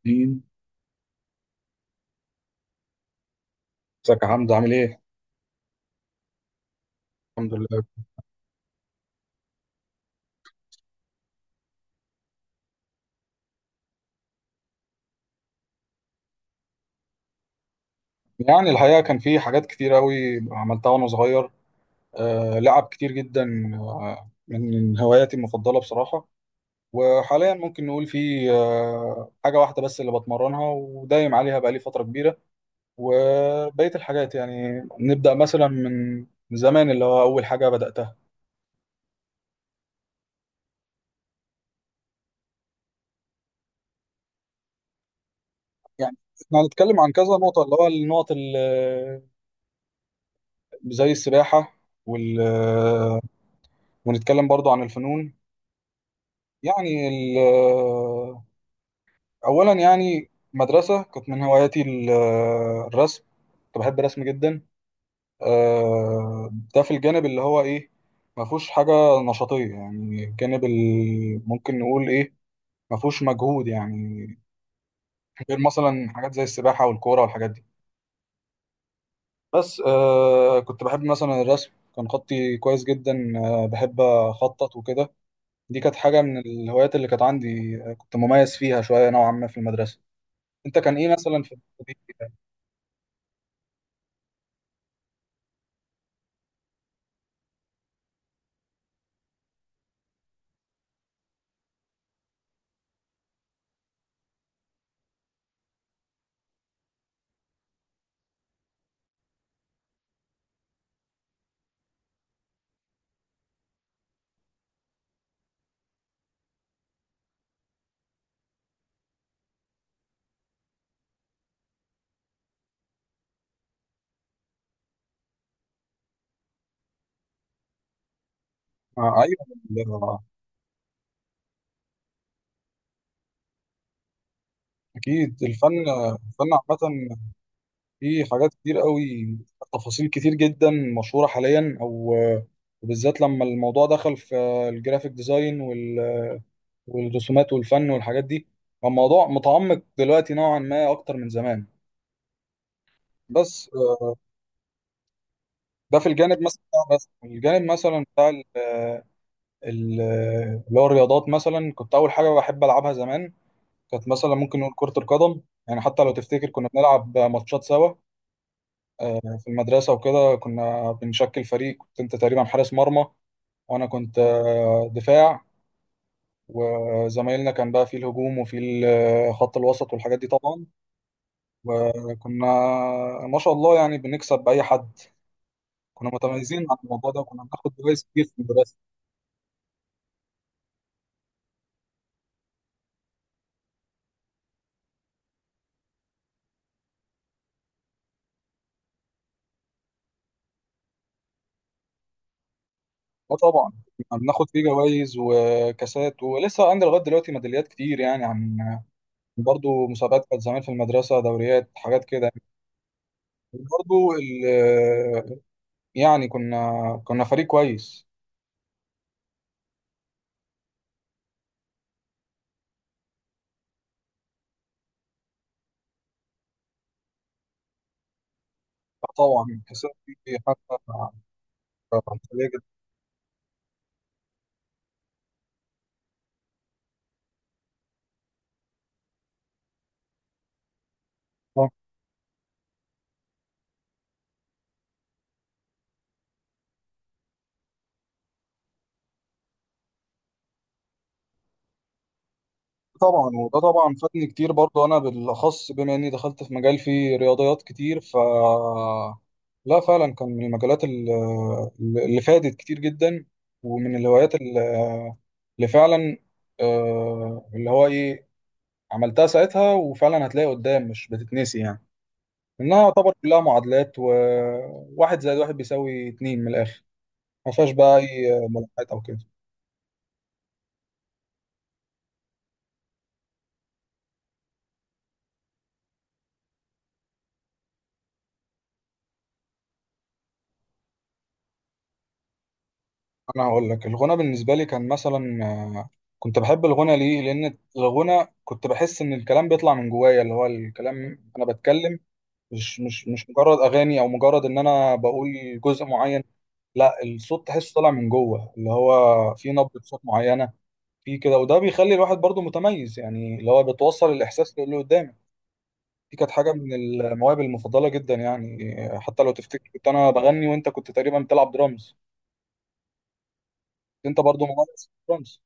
اتنين. ازيك يا حمزة عامل ايه؟ الحمد لله. يعني الحقيقة كان في حاجات كتير قوي عملتها وانا صغير. آه لعب كتير جدا. آه من هواياتي المفضلة بصراحة. وحاليا ممكن نقول في حاجة واحدة بس اللي بتمرنها ودايم عليها بقالي فترة كبيرة. وبقية الحاجات يعني نبدأ مثلا من زمان اللي هو أول حاجة بدأتها. يعني احنا هنتكلم عن كذا نقطة اللي هو النقط اللي زي السباحة وال... آه، ونتكلم برضو عن الفنون. يعني ال- أولا يعني مدرسة كانت من هواياتي الرسم. كنت بحب الرسم جدا. ده في الجانب اللي هو إيه، ما فيهوش حاجة نشاطية، يعني الجانب ممكن نقول إيه، ما فيهوش مجهود يعني، غير مثلا حاجات زي السباحة والكورة والحاجات دي. بس كنت بحب مثلا الرسم، كان خطي كويس جدا. بحب أخطط وكده. دي كانت حاجة من الهوايات اللي كانت عندي. كنت مميز فيها شوية نوعا ما في المدرسة. انت كان ايه مثلا في الحتة دي؟ آه ايوه ال- اكيد الفن. الفن عامه فيه حاجات كتير قوي، تفاصيل كتير جدا، مشهوره حاليا او وبالذات لما الموضوع دخل في الجرافيك ديزاين والرسومات والفن والحاجات دي. فالموضوع متعمق دلوقتي نوعا ما اكتر من زمان. بس ده في الجانب مثلا بتاع، بس الجانب مثلا بتاع ال- اللي هو الرياضات مثلا، كنت اول حاجه بحب العبها زمان كانت مثلا ممكن نقول كرة القدم. يعني حتى لو تفتكر كنا بنلعب ماتشات سوا يعني في المدرسة وكده، كنا بنشكل فريق، كنت انت تقريبا حارس مرمى وانا كنت دفاع، وزمايلنا كان بقى في الهجوم وفي خط الوسط والحاجات دي طبعا. وكنا ما شاء الله يعني بنكسب بأي حد، كنا متميزين عن الموضوع ده وكنا بناخد جوائز كتير في المدرسة. اه طبعا كنا بناخد فيه جوائز وكاسات، ولسه عندي لغاية دلوقتي ميداليات كتير يعني عن برضو مسابقات كانت زمان في المدرسة، دوريات حاجات كده. برضه ال- يعني كنا فريق كويس. طبعا حساب فيه حتى الخليج. طبعا وده طبعا فادني كتير برضه، انا بالاخص بما اني دخلت في مجال فيه رياضيات كتير ف لا فعلا كان من المجالات اللي فادت كتير جدا، ومن الهوايات اللي فعلا آه، اللي هو ايه عملتها ساعتها، وفعلا هتلاقي قدام مش بتتنسي يعني. انها يعتبر كلها معادلات، وواحد زائد واحد بيساوي اتنين من الاخر، ما فيهاش بقى اي ملاحظات او كده. انا هقول لك الغنى بالنسبه لي كان مثلا آه، كنت بحب الغنى ليه، لان الغنى كنت بحس ان الكلام بيطلع من جوايا، اللي هو الكلام انا بتكلم، مش مجرد اغاني او مجرد ان انا بقول جزء معين، لا، الصوت تحسه طالع من جوه، اللي هو في نبره صوت معينه في كده، وده بيخلي الواحد برضه متميز يعني، اللي هو بتوصل الاحساس اللي قدامك. دي كانت حاجة من المواهب المفضلة جدا يعني. حتى لو تفتكر كنت أنا بغني وأنت كنت تقريبا بتلعب درامز. أنت برضو مميز في الدرامز.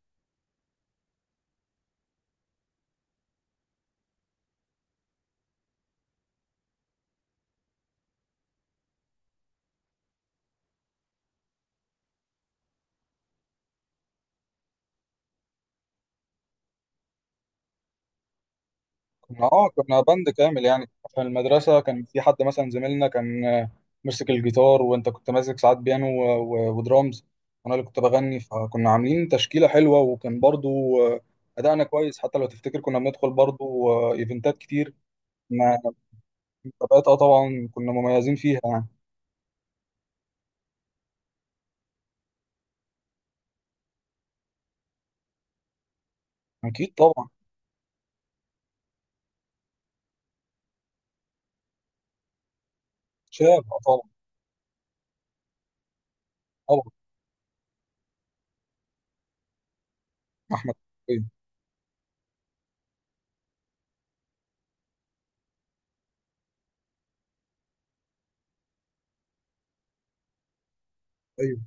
كنا كنا باند كامل يعني. في المدرسة كان في حد مثلا زميلنا كان ماسك الجيتار، وأنت كنت ماسك ساعات بيانو ودرامز، وأنا اللي كنت بغني، فكنا عاملين تشكيلة حلوة، وكان برضو أدائنا كويس. حتى لو تفتكر كنا بندخل برضو إيفنتات كتير، كنا مسابقات. أه طبعا كنا مميزين فيها يعني. أكيد طبعا. شاب أه طبعا. طبعا أحمد إيه؟ ايوه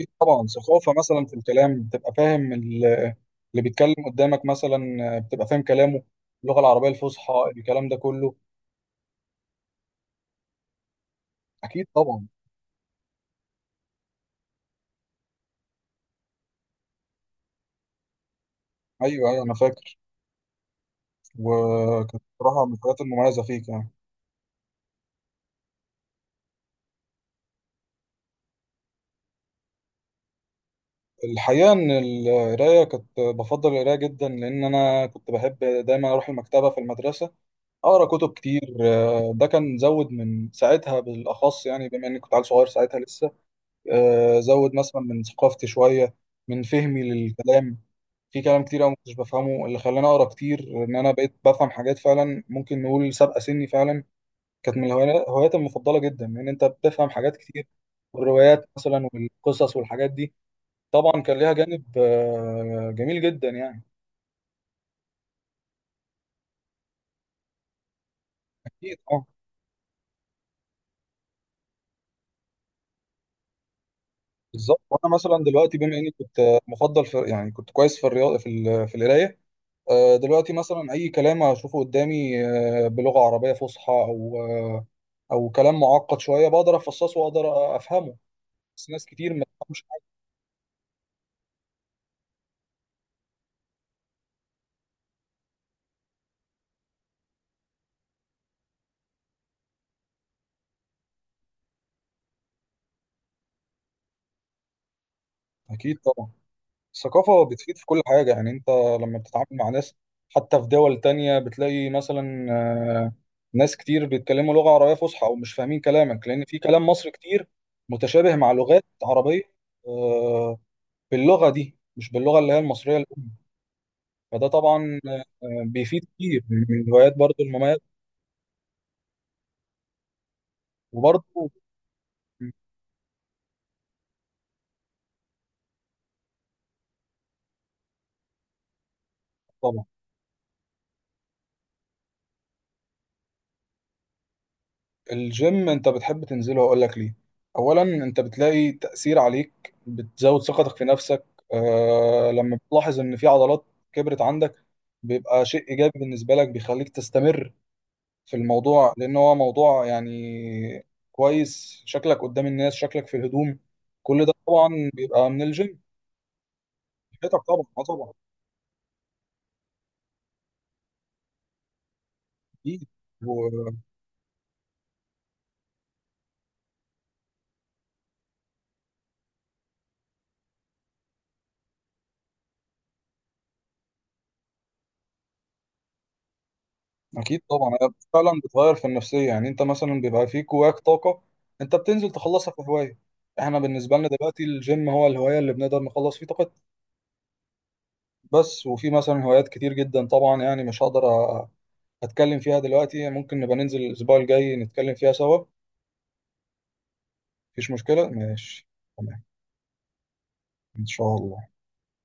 أكيد طبعا. ثقافه مثلا في الكلام، بتبقى فاهم اللي بيتكلم قدامك مثلا، بتبقى فاهم كلامه، اللغه العربيه الفصحى الكلام ده كله. اكيد طبعا. ايوه ايوه، انا فاكر. وكانت بصراحه من الحاجات المميزه فيك يعني. الحقيقه ان القرايه كنت بفضل القرايه جدا، لان انا كنت بحب دايما اروح المكتبه في المدرسه، اقرا كتب كتير. ده كان زود من ساعتها بالاخص، يعني بما اني كنت عيل صغير ساعتها لسه. زود مثلا من ثقافتي شويه، من فهمي للكلام. في كلام كتير أوي ما كنتش بفهمه، اللي خلاني أقرأ كتير، إن أنا بقيت بفهم حاجات فعلا ممكن نقول سابقة سني فعلا. كانت من الهوايات هواياتي المفضلة جدا، إن أنت بتفهم حاجات كتير، والروايات مثلا والقصص والحاجات دي. طبعا كان ليها جانب جميل جدا يعني. أكيد أه. بالظبط. وأنا مثلا دلوقتي بما إني كنت مفضل في، يعني كنت كويس في الرياضة في في القراية. دلوقتي مثلا أي كلام أشوفه قدامي بلغة عربية فصحى أو أو كلام معقد شوية، بقدر أفصصه وأقدر أفهمه. بس ناس كتير ما تفهمش حاجة. أكيد طبعا. الثقافة بتفيد في كل حاجة، يعني أنت لما بتتعامل مع ناس حتى في دول تانية، بتلاقي مثلا ناس كتير بيتكلموا لغة عربية فصحى ومش فاهمين كلامك، لأن في كلام مصري كتير متشابه مع لغات عربية آه، باللغة دي مش باللغة اللي هي المصرية الأم. فده طبعا بيفيد كتير، من الهوايات برضو المميزة. وبرضو الجيم انت بتحب تنزله، هقول لك ليه. اولا انت بتلاقي تأثير عليك، بتزود ثقتك في نفسك. آه لما بتلاحظ ان في عضلات كبرت عندك، بيبقى شيء ايجابي بالنسبة لك، بيخليك تستمر في الموضوع، لان هو موضوع يعني كويس، شكلك قدام الناس، شكلك في الهدوم، كل ده طبعا بيبقى من الجيم. حياتك طبعا اه طبعا. اكيد. اكيد طبعا. هي فعلا بتغير في النفسيه يعني. انت مثلا بيبقى فيك جواك طاقه، انت بتنزل تخلصها في هوايه. احنا بالنسبه لنا دلوقتي الجيم هو الهوايه اللي بنقدر نخلص فيه طاقتنا. بس وفي مثلا هوايات كتير جدا طبعا، يعني مش اتكلم فيها دلوقتي، ممكن نبقى ننزل الاسبوع الجاي نتكلم فيها سوا. مفيش مشكله ماشي. تمام. ان شاء الله.